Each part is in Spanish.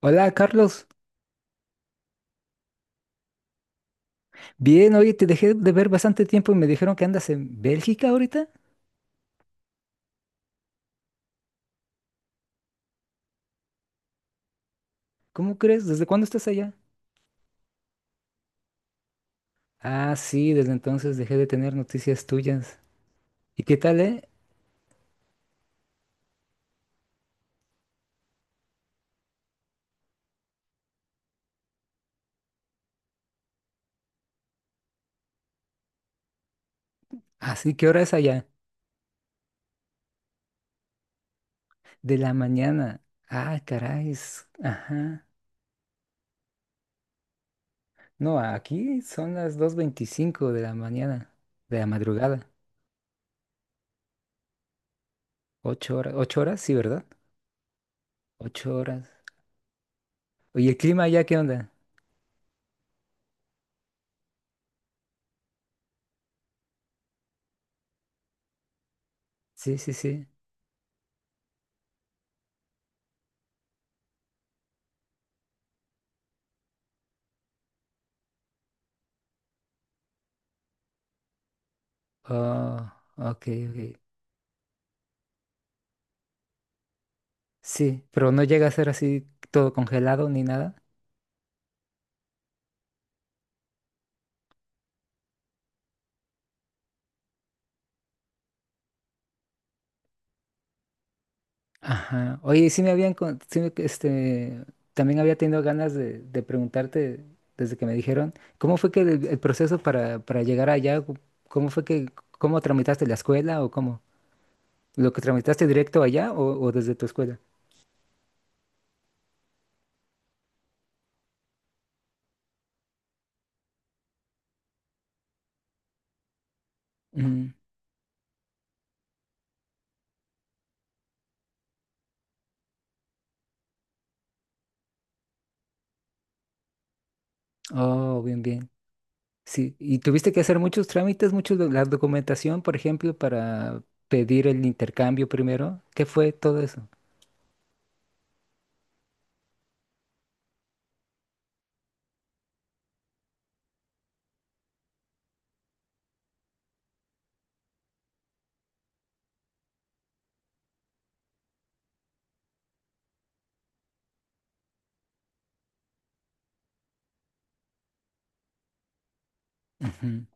Hola, Carlos. Bien, oye, te dejé de ver bastante tiempo y me dijeron que andas en Bélgica ahorita. ¿Cómo crees? ¿Desde cuándo estás allá? Ah, sí, desde entonces dejé de tener noticias tuyas. ¿Y qué tal, eh? Así, ¿qué hora es allá? De la mañana. Ah, caray. Ajá. No, aquí son las 2:25 de la mañana, de la madrugada. 8 horas, 8 horas, sí, ¿verdad? 8 horas. Oye, ¿el clima allá qué onda? Sí, sí, sí. Oh, ok, ok. Sí, pero no llega a ser así todo congelado ni nada. Ajá. Oye, y sí me habían, también había tenido ganas de preguntarte desde que me dijeron, ¿cómo fue que el proceso para llegar allá, cómo fue que, cómo tramitaste la escuela o cómo? ¿Lo que tramitaste directo allá o desde tu escuela? Mm. Oh, bien, bien. Sí, y tuviste que hacer muchos trámites, muchos, la documentación, por ejemplo, para pedir el intercambio primero. ¿Qué fue todo eso? Ujú.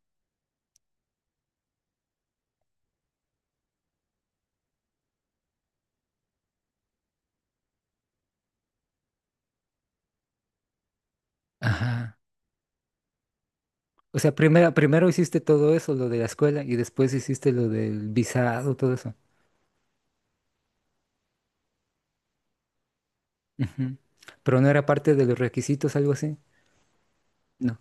Ajá. O sea, primero hiciste todo eso, lo de la escuela, y después hiciste lo del visado, todo eso. Ujú. Pero no era parte de los requisitos, algo así. No.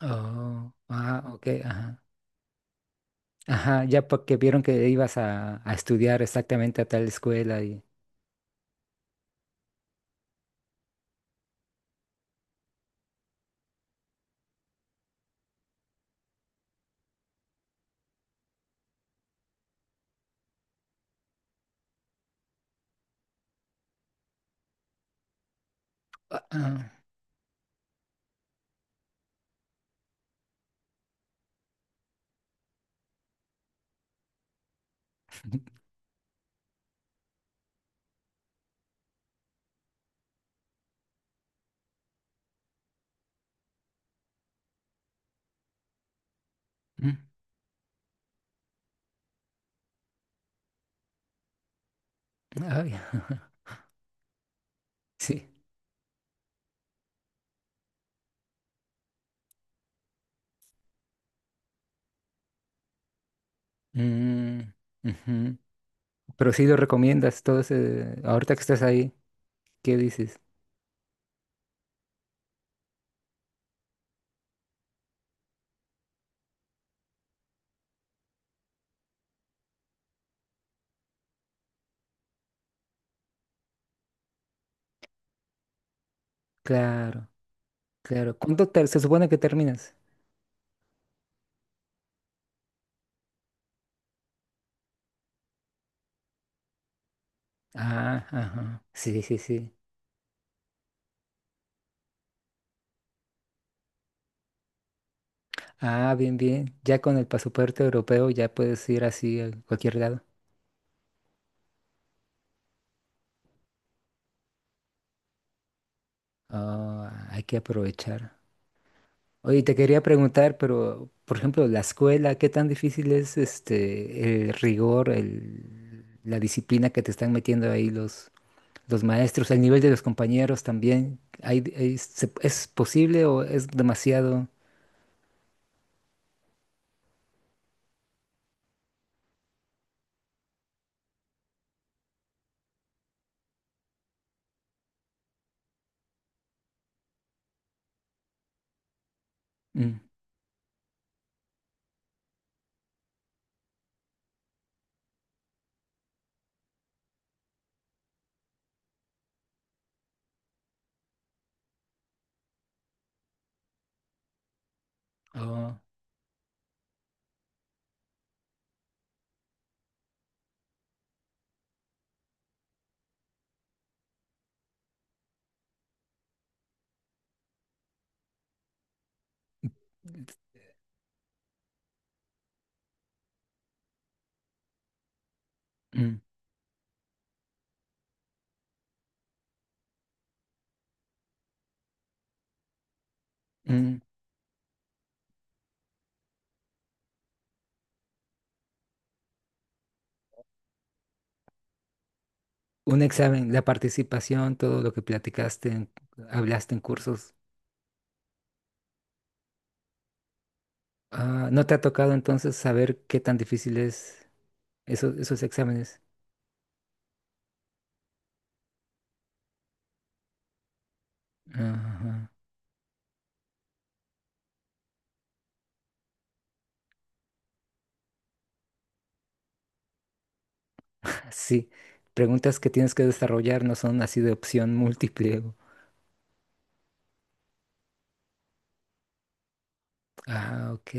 Oh, ah, ok, ajá. Ajá, ya porque vieron que ibas a estudiar exactamente a tal escuela y. Ah, ah, mm, ay, sí. Mm, ujú. Pero sí lo recomiendas, ahorita que estás ahí, ¿qué dices? Claro, claro. ¿Cuándo se supone que terminas? Ah, ajá. Sí, sí, sí. Ah, bien, bien. Ya con el pasaporte europeo ya puedes ir así a cualquier lado. Ah, hay que aprovechar. Oye, te quería preguntar, pero, por ejemplo, la escuela, ¿qué tan difícil es el rigor, el, la disciplina que te están metiendo ahí los maestros, el nivel de los compañeros también? ¿Es posible o es demasiado? Mm, oh, mm, mm. Un examen, la participación, todo lo que platicaste, hablaste en cursos. Ah, ¿no te ha tocado entonces saber qué tan difícil es esos exámenes? Ajá. Sí, preguntas que tienes que desarrollar no son así de opción múltiple. Ah, ok.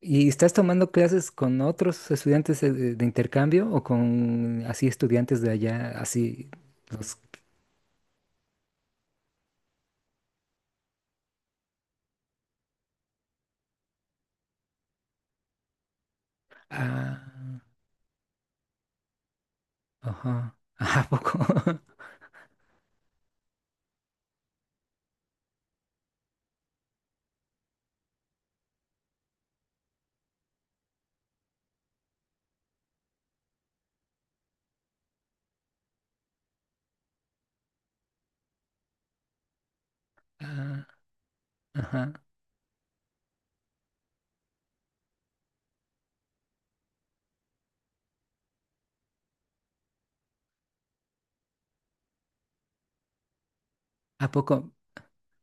¿Y estás tomando clases con otros estudiantes de intercambio o con así estudiantes de allá, así los. Ah, ajá. ¿A poco? Ah, ajá. ¿A poco?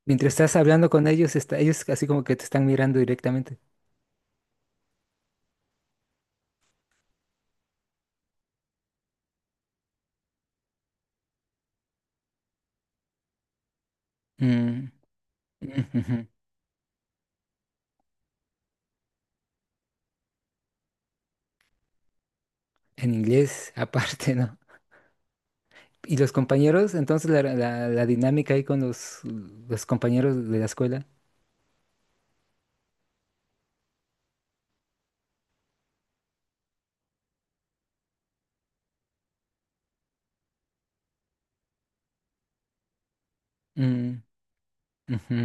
Mientras estás hablando con ellos, ellos así como que te están mirando directamente. Mm, ujujú. En inglés, aparte, ¿no? Y los compañeros, entonces la dinámica ahí con los compañeros de la escuela. Mm, ujú,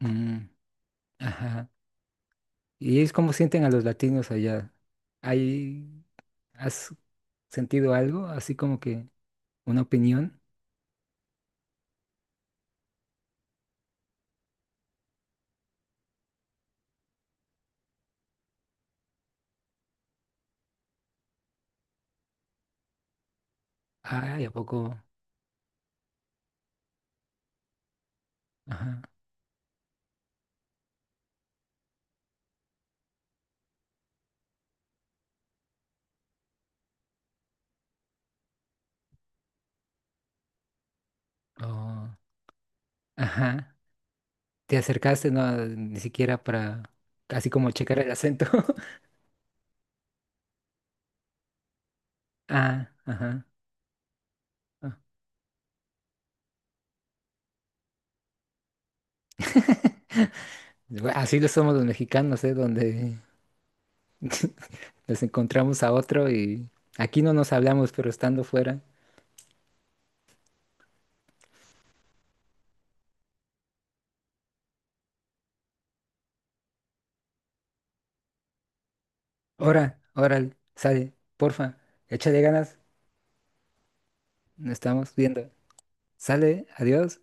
mm, ajá. ¿Y ellos cómo sienten a los latinos allá? ¿Hay, has sentido algo? Así como que una opinión. Ay, ¿a poco? Ajá. Oh, ajá. ¿Te acercaste? No, ni siquiera para, así como checar el acento. Ah, ajá. ah. Bueno, así lo somos los mexicanos, ¿eh? Donde nos encontramos a otro y aquí no nos hablamos, pero estando fuera. Ora, órale, sale, porfa, échale ganas, nos estamos viendo. Sale, adiós.